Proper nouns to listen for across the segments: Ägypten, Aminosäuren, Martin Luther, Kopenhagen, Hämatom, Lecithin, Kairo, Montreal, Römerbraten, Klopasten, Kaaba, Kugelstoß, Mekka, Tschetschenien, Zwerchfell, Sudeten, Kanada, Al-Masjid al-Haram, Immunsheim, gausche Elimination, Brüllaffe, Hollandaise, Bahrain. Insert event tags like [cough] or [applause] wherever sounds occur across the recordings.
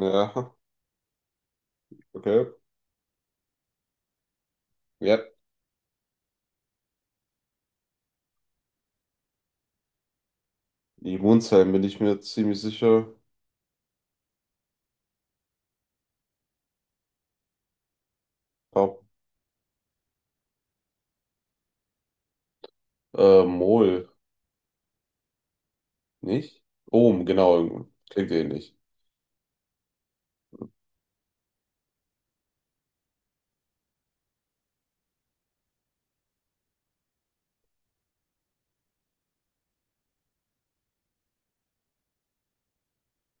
Ja, okay. Ja. Immunsheim bin ich mir ziemlich sicher. Pap Mol, nicht? Ohm, genau. Klingt ähnlich.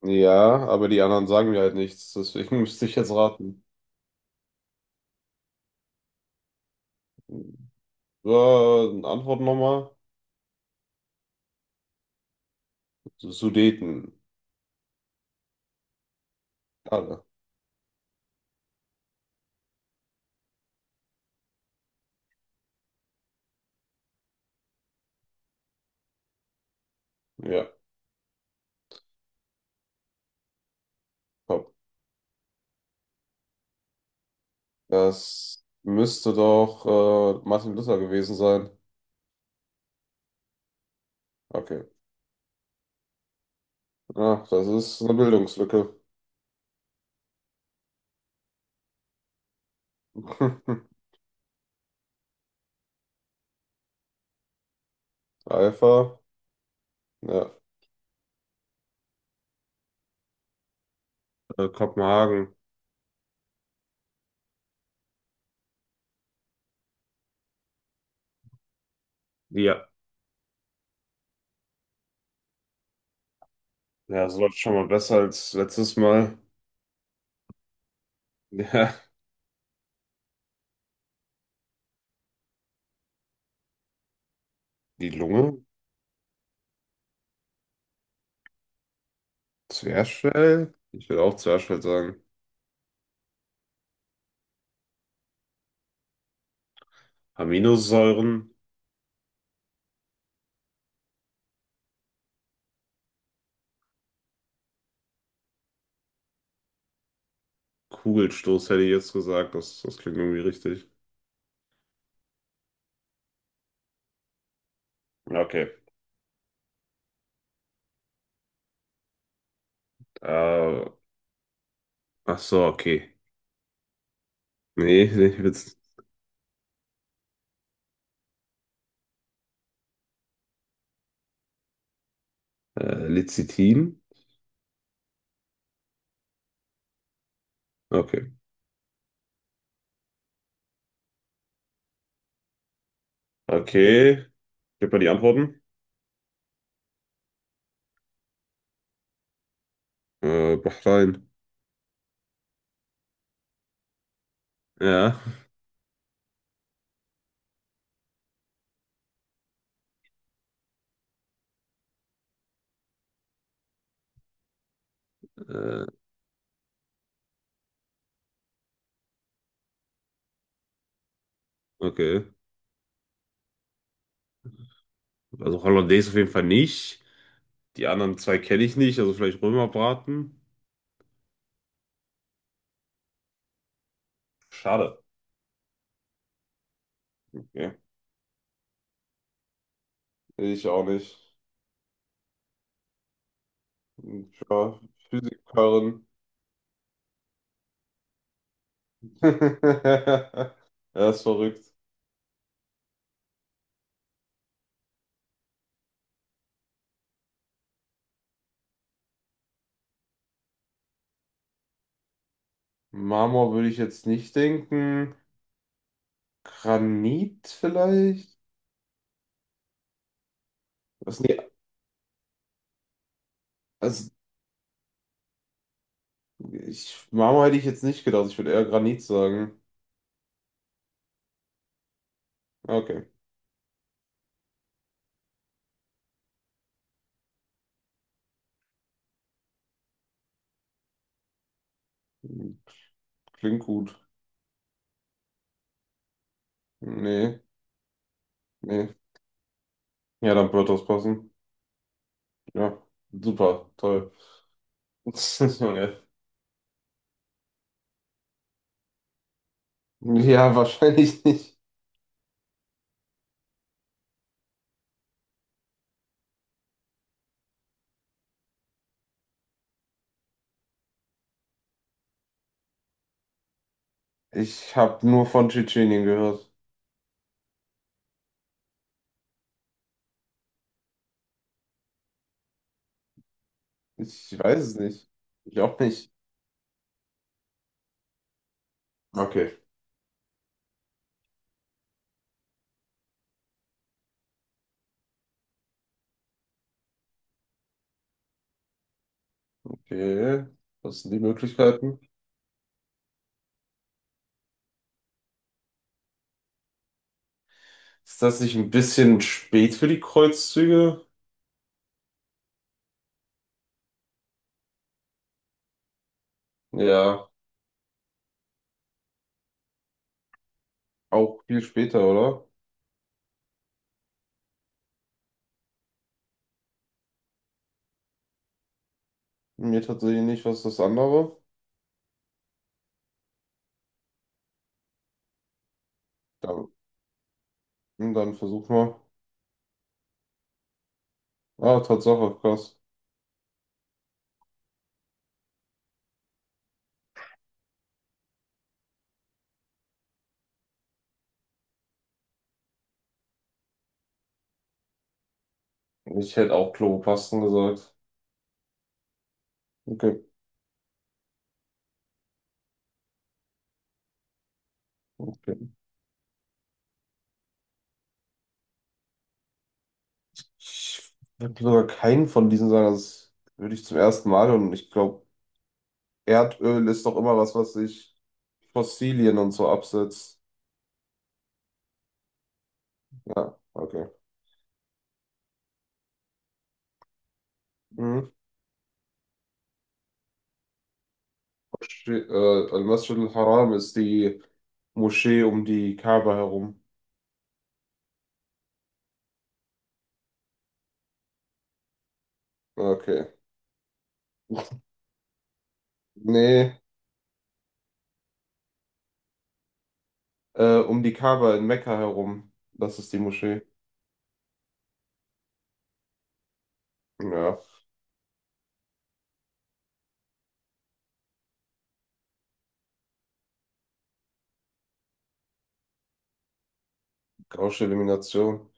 Ja, aber die anderen sagen mir halt nichts, deswegen [laughs] müsste ich jetzt raten. Äh, Antwort nochmal. Sudeten. Alle. Ja, top. Das müsste doch Martin Luther gewesen sein. Okay. Ach, das ist eine Bildungslücke. [laughs] Alpha. Ja. Kopenhagen. Ja. Ja, so läuft schon mal besser als letztes Mal. [laughs] Ja, die Lunge, Zwerchfell, ich würde auch Zwerchfell sagen. Aminosäuren, Kugelstoß hätte ich jetzt gesagt, das klingt irgendwie richtig. Ja, okay. Äh, ach so, okay. Nee, [laughs] ich will's. Lecithin? Okay. Okay, gib mal die Antworten. Bahrain. Ja, äh, okay. Also Hollandaise auf jeden Fall nicht. Die anderen zwei kenne ich nicht, also vielleicht Römerbraten. Schade. Okay. Ich auch nicht. Ich war Physikerin. [laughs] Er ist verrückt. Marmor würde ich jetzt nicht denken. Granit vielleicht? Was, nee, also ich, Marmor hätte ich jetzt nicht gedacht. Ich würde eher Granit sagen. Okay. Klingt gut. Nee, nee. Ja, dann wird das passen. Ja, super, toll. [laughs] Junge. Ja, wahrscheinlich nicht. Ich habe nur von Tschetschenien gehört. Ich weiß es nicht. Ich auch nicht. Okay. Okay, was sind die Möglichkeiten? Ist das nicht ein bisschen spät für die Kreuzzüge? Ja, auch viel später, oder? Mir tatsächlich nicht, was das andere. Dann, dann versuch mal. Ah, Tatsache, krass. Ich hätte auch Klopasten gesagt. Okay, okay. Ich würde sogar keinen von diesen sagen. Das würde ich zum ersten Mal. Und ich glaube, Erdöl ist doch immer was, was sich Fossilien und so absetzt. Ja, okay. Mhm. Moschee, Al-Masjid al-Haram ist die Moschee um die Kaaba herum. Okay. Nee, um die Kaaba in Mekka herum. Das ist die Moschee. Ja, gausche Elimination.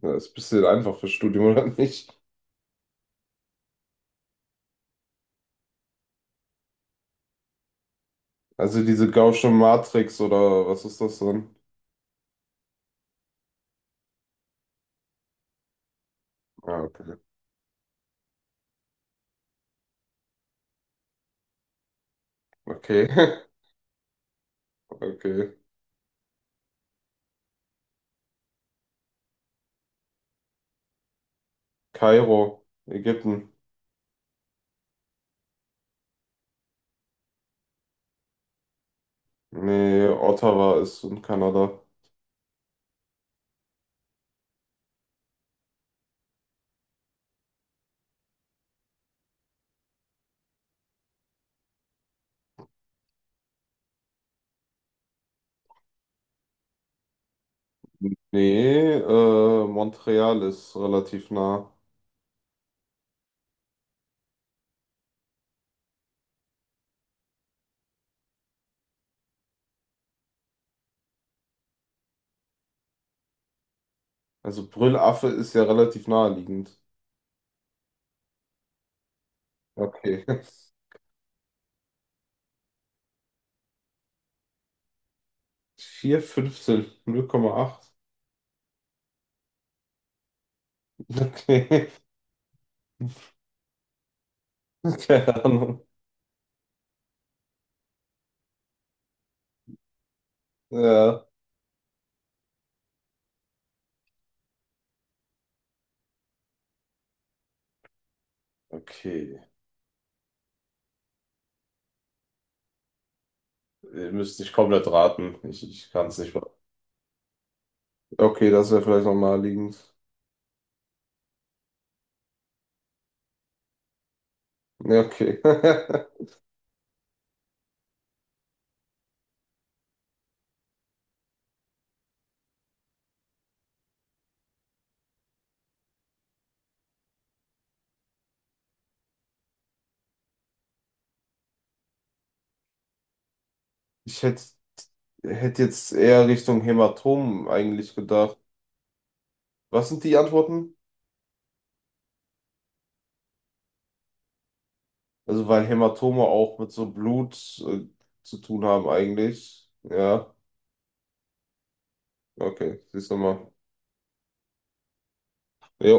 Das ist ein bisschen einfach für Studium, oder nicht? Also diese gausche Matrix oder was ist das denn? Ah, okay. Okay. [laughs] Okay. Kairo, Ägypten. Nee, Ottawa ist in Kanada. Nee, Montreal ist relativ nah. Also Brüllaffe ist ja relativ naheliegend. Okay. [laughs] 4, 15, 0,8. Okay. [laughs] Keine Ahnung. Ja. Okay. Ihr müsst nicht komplett raten. Ich kann es nicht. Be- Okay, das wäre vielleicht noch naheliegend. Ja, okay. [laughs] Ich hätte jetzt eher Richtung Hämatom eigentlich gedacht. Was sind die Antworten? Also, weil Hämatome auch mit so Blut äh, zu tun haben eigentlich. Ja, okay, siehst du mal. Jo.